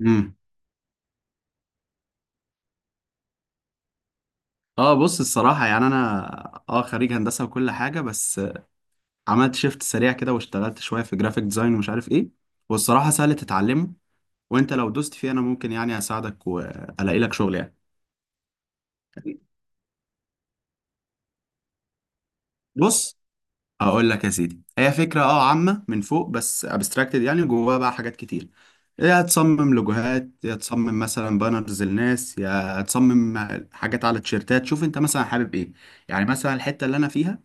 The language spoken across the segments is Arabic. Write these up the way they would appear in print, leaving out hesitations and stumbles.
امم اه بص الصراحة يعني أنا خريج هندسة وكل حاجة، بس عملت شيفت سريع كده واشتغلت شوية في جرافيك ديزاين ومش عارف ايه، والصراحة سهل تتعلمه. وانت لو دوست فيه أنا ممكن يعني أساعدك وألاقي لك شغل يعني. بص، هقول لك يا سيدي، هي فكرة عامة من فوق بس ابستراكتد، يعني جواها بقى حاجات كتير. يا تصمم لوجوهات، يا تصمم مثلا بانرز للناس، يا تصمم حاجات على تيشيرتات. شوف انت مثلا حابب ايه. يعني مثلا الحتة اللي انا فيها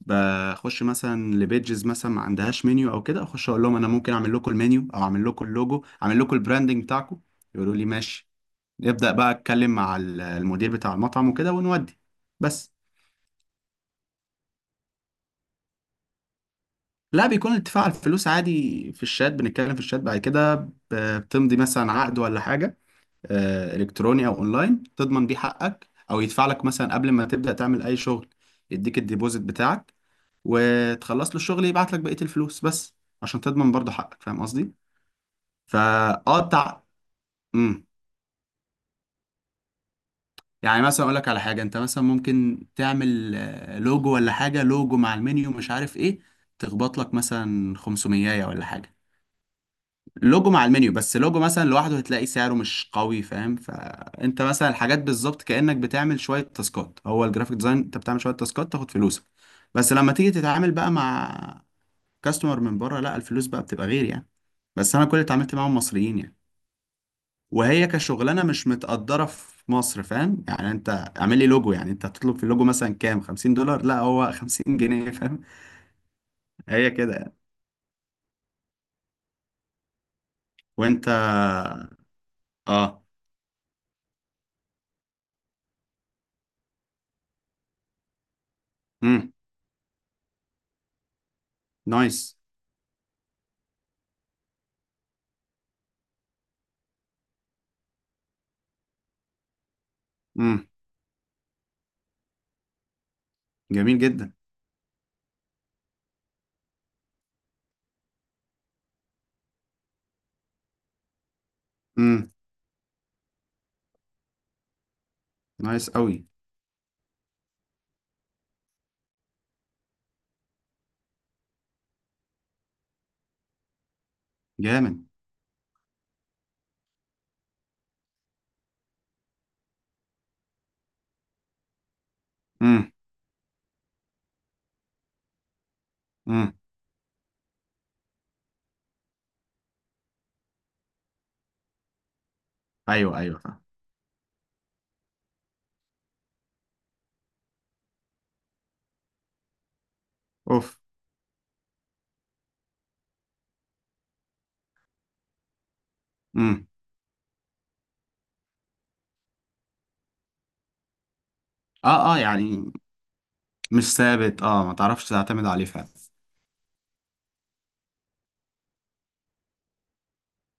بخش مثلا لبيجز مثلا ما عندهاش منيو او كده، اخش اقول لهم انا ممكن اعمل لكم المنيو او اعمل لكم اللوجو، اعمل لكم البراندنج بتاعكم. يقولوا لي ماشي، نبدا بقى، اتكلم مع المدير بتاع المطعم وكده ونودي. بس. لا، بيكون الاتفاق على الفلوس عادي في الشات، بنتكلم في الشات، بعد كده بتمضي مثلا عقد ولا حاجه، الكتروني او اونلاين تضمن بيه حقك، او يدفع لك مثلا قبل ما تبدا تعمل اي شغل، يديك الديبوزيت بتاعك وتخلص له الشغل يبعت لك بقيه الفلوس، بس عشان تضمن برضه حقك، فاهم قصدي. فاقطع. امم يعني مثلا اقول لك على حاجه، انت مثلا ممكن تعمل لوجو ولا حاجه، لوجو مع المنيو مش عارف ايه، تخبط لك مثلا 500 ولا حاجه. لوجو مع المنيو، بس لوجو مثلا لوحده هتلاقي سعره مش قوي، فاهم. فانت مثلا الحاجات بالظبط كانك بتعمل شويه تاسكات، هو الجرافيك ديزاين انت بتعمل شويه تاسكات تاخد فلوسك. بس لما تيجي تتعامل بقى مع كاستمر من بره، لا، الفلوس بقى بتبقى غير يعني. بس انا كل اللي اتعاملت معاهم مصريين يعني، وهي كشغلانه مش متقدره في مصر، فاهم يعني. انت اعمل لي لوجو يعني، انت هتطلب في اللوجو مثلا كام؟ $50؟ لا، هو 50 جنيه فاهم. هي كده يعني. وانت. اه. امم. نايس. امم. جميل جدا. امم. نايس قوي. جامد. امم. امم. ايوه ايوه فاهم. اوف. امم. اه اه يعني. مش ثابت اه، ما تعرفش تعتمد عليه فعلا.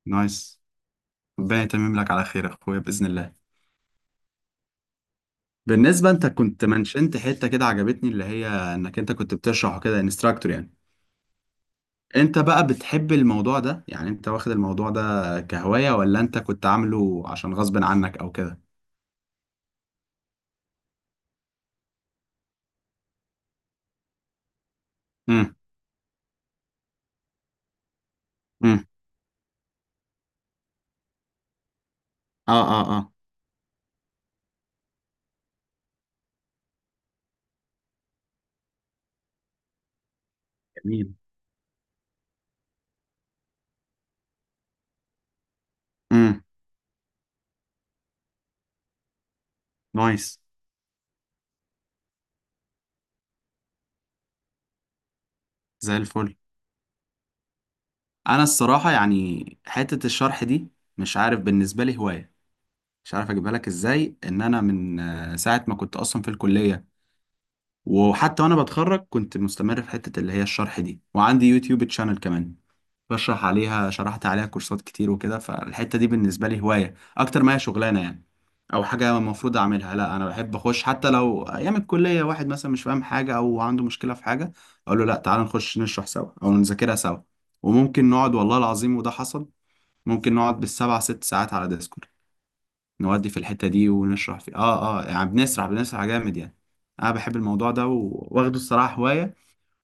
نايس. ربنا يتمم لك على خير يا اخويا باذن الله. بالنسبة، انت كنت منشنت حتة كده عجبتني، اللي هي انك انت كنت بتشرح كده، انستراكتور يعني. انت بقى بتحب الموضوع ده يعني؟ انت واخد الموضوع ده كهواية، ولا انت كنت عامله عشان غصب عنك او كده؟ امم. امم. اه. اه. اه. جميل. امم. نايس. زي الفل. انا الصراحة يعني حتة الشرح دي، مش عارف بالنسبة لي هواية، مش عارف اجيبها لك ازاي. ان انا من ساعة ما كنت اصلا في الكلية وحتى وانا بتخرج كنت مستمر في حتة اللي هي الشرح دي، وعندي يوتيوب تشانل كمان بشرح عليها، شرحت عليها كورسات كتير وكده. فالحتة دي بالنسبة لي هواية أكتر ما هي شغلانة يعني، أو حاجة المفروض أعملها. لا، أنا بحب أخش حتى لو أيام الكلية واحد مثلا مش فاهم حاجة أو عنده مشكلة في حاجة، أقول له لا تعال نخش نشرح سوا أو نذاكرها سوا. وممكن نقعد والله العظيم، وده حصل، ممكن نقعد بالسبع ست ساعات على ديسكورد، نودي في الحتة دي ونشرح في يعني، بنسرح بنسرح جامد يعني. أنا بحب الموضوع ده وواخده الصراحة هواية.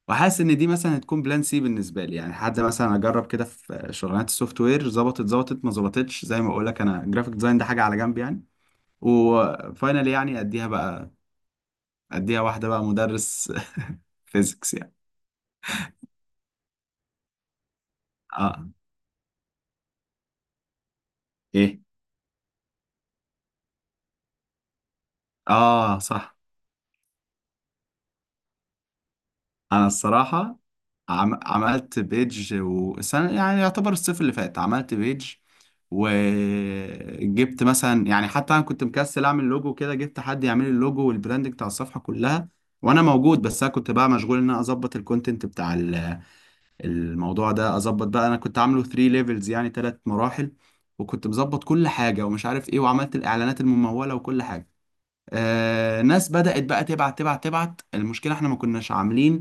وحاسس ان دي مثلا هتكون بلان سي بالنسبه لي، يعني حد مثلا اجرب كده في شغلانات السوفت وير، ظبطت ظبطت، ما ظبطتش، زي ما اقول لك انا جرافيك ديزاين ده حاجه على جنب يعني. وفاينالي يعني اديها بقى، اديها واحده بقى مدرس فيزيكس يعني. اه. ايه. اه صح. انا الصراحه عملت بيج، وسنة يعني يعتبر الصيف اللي فات عملت بيج. وجبت مثلا، يعني حتى انا كنت مكسل اعمل لوجو كده، جبت حد يعمل لي اللوجو والبراند بتاع الصفحه كلها، وانا موجود، بس انا كنت بقى مشغول ان انا اظبط الكونتنت بتاع الموضوع ده، اظبط بقى. انا كنت عامله 3 ليفلز، يعني 3 مراحل، وكنت مظبط كل حاجه ومش عارف ايه، وعملت الاعلانات المموله وكل حاجه. ناس بدأت بقى تبعت تبعت تبعت. المشكلة احنا ما كناش عاملين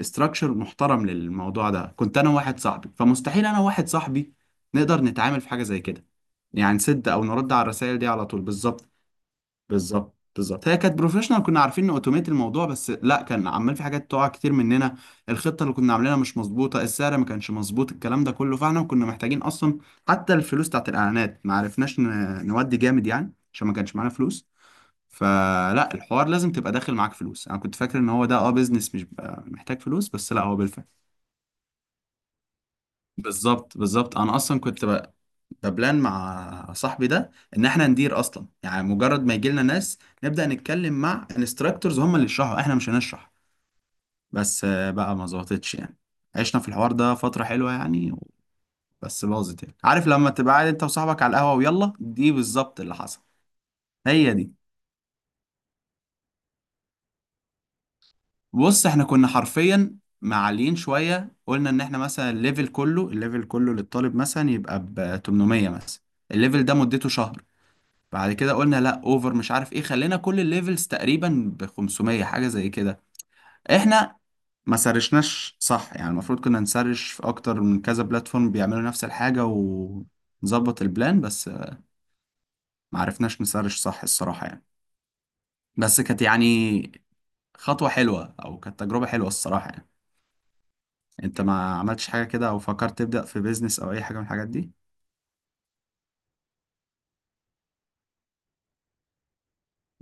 استراكشر محترم للموضوع ده، كنت انا وواحد صاحبي، فمستحيل انا وواحد صاحبي نقدر نتعامل في حاجه زي كده، يعني نسد او نرد على الرسائل دي على طول بالظبط. بالظبط بالظبط، هي كانت بروفيشنال، كنا عارفين اوتوميت الموضوع، بس لا، كان عمال في حاجات تقع كتير مننا. الخطه اللي كنا عاملينها مش مظبوطه، السعر ما كانش مظبوط، الكلام ده كله. فاحنا كنا محتاجين اصلا، حتى الفلوس بتاعت الاعلانات ما عرفناش نودي جامد يعني، عشان ما كانش معانا فلوس. فلا، الحوار لازم تبقى داخل معاك فلوس، انا كنت فاكر ان هو ده اه بيزنس مش بيبقى محتاج فلوس، بس لا، هو بالفلوس. بالظبط بالظبط، انا اصلا كنت ببلان مع صاحبي ده ان احنا ندير اصلا، يعني مجرد ما يجي لنا ناس نبدا نتكلم مع انستراكتورز، هم اللي يشرحوا، احنا مش هنشرح. بس بقى ما ظبطتش يعني. عشنا في الحوار ده فتره حلوه يعني، بس باظت يعني. عارف لما تبقى قاعد انت وصاحبك على القهوه، ويلا، دي بالظبط اللي حصل. هي دي. بص احنا كنا حرفيا معليين شويه، قلنا ان احنا مثلا الليفل كله، الليفل كله للطالب مثلا يبقى ب 800 مثلا، الليفل ده مدته شهر. بعد كده قلنا لا اوفر مش عارف ايه، خلينا كل الليفلز تقريبا ب 500، حاجه زي كده. احنا ما سرشناش صح يعني، المفروض كنا نسرش في اكتر من كذا بلاتفورم بيعملوا نفس الحاجه ونظبط البلان، بس ما عرفناش نسرش صح الصراحه يعني. بس كانت يعني خطوه حلوه، او كانت تجربه حلوه الصراحه يعني. انت ما عملتش حاجه كده، او فكرت تبدا في بيزنس او اي حاجه من الحاجات دي؟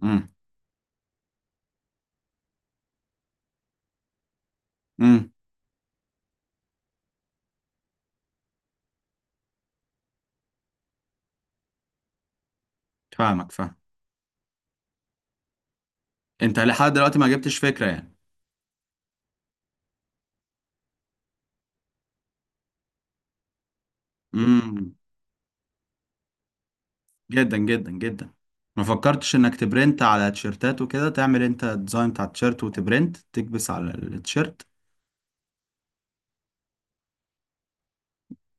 امم. امم. فاهمك فاهم. انت لحد دلوقتي ما جبتش فكره يعني. امم. جدا جدا جدا. ما فكرتش انك تبرنت على تيشيرتات وكده، تعمل انت الديزاين بتاع التيشيرت وتبرنت، تكبس على التيشيرت.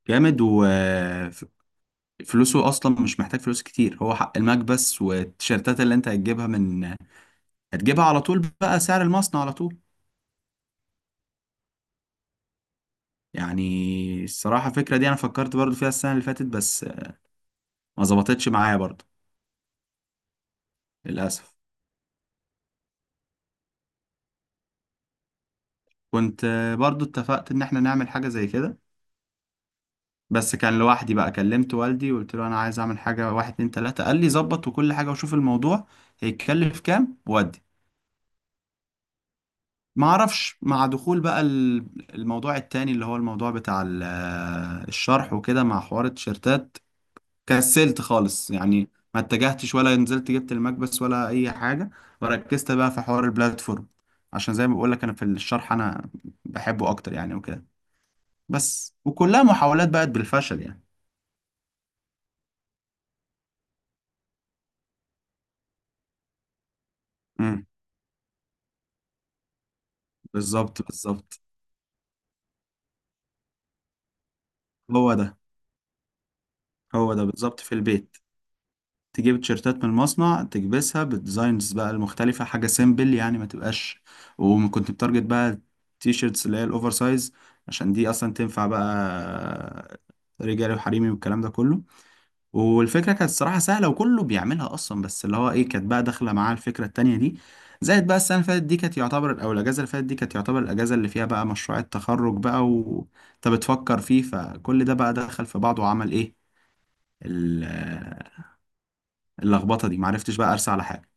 جامد وفلوسه اصلا مش محتاج فلوس كتير، هو حق المكبس والتيشيرتات اللي انت هتجيبها من، هتجيبها على طول بقى سعر المصنع على طول. يعني الصراحة الفكرة دي انا فكرت برضو فيها السنة اللي فاتت، بس ما ظبطتش معايا برضو للأسف. كنت برضو اتفقت ان احنا نعمل حاجة زي كده، بس كان لوحدي بقى. كلمت والدي وقلت له انا عايز اعمل حاجه، واحد اتنين تلاته، قال لي ظبط وكل حاجه وشوف الموضوع هيتكلف كام وودي. ما اعرفش، مع دخول بقى الموضوع التاني، اللي هو الموضوع بتاع الشرح وكده، مع حوار التيشيرتات كسلت خالص يعني، ما اتجهتش ولا نزلت جبت المكبس ولا اي حاجه. وركزت بقى في حوار البلاتفورم، عشان زي ما بقول لك انا في الشرح انا بحبه اكتر يعني وكده. بس وكلها محاولات بقت بالفشل يعني. امم. بالظبط بالظبط. هو ده. هو ده بالظبط، في البيت، تجيب تيشيرتات من المصنع، تكبسها بالديزاينز بقى المختلفة، حاجة سيمبل يعني ما تبقاش. وكنت بتارجت بقى التيشيرتس اللي هي الأوفر سايز، عشان دي أصلا تنفع بقى رجالي وحريمي والكلام ده كله. والفكرة كانت الصراحة سهلة وكله بيعملها أصلا، بس اللي هو إيه، كانت بقى داخلة معاه الفكرة التانية دي. زائد بقى السنة اللي فاتت دي كانت يعتبر، أو الأجازة اللي فاتت دي كانت يعتبر الأجازة اللي فيها بقى مشروع التخرج بقى، وأنت بتفكر فيه، فكل ده بقى دخل في بعضه وعمل إيه ال- اللخبطه دي، معرفتش بقى ارسى على حاجه.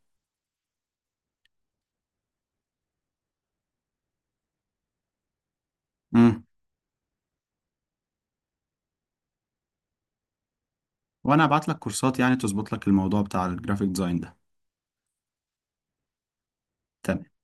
امم. وانا ابعت لك كورسات يعني تظبط لك الموضوع بتاع الجرافيك ديزاين ده. تمام.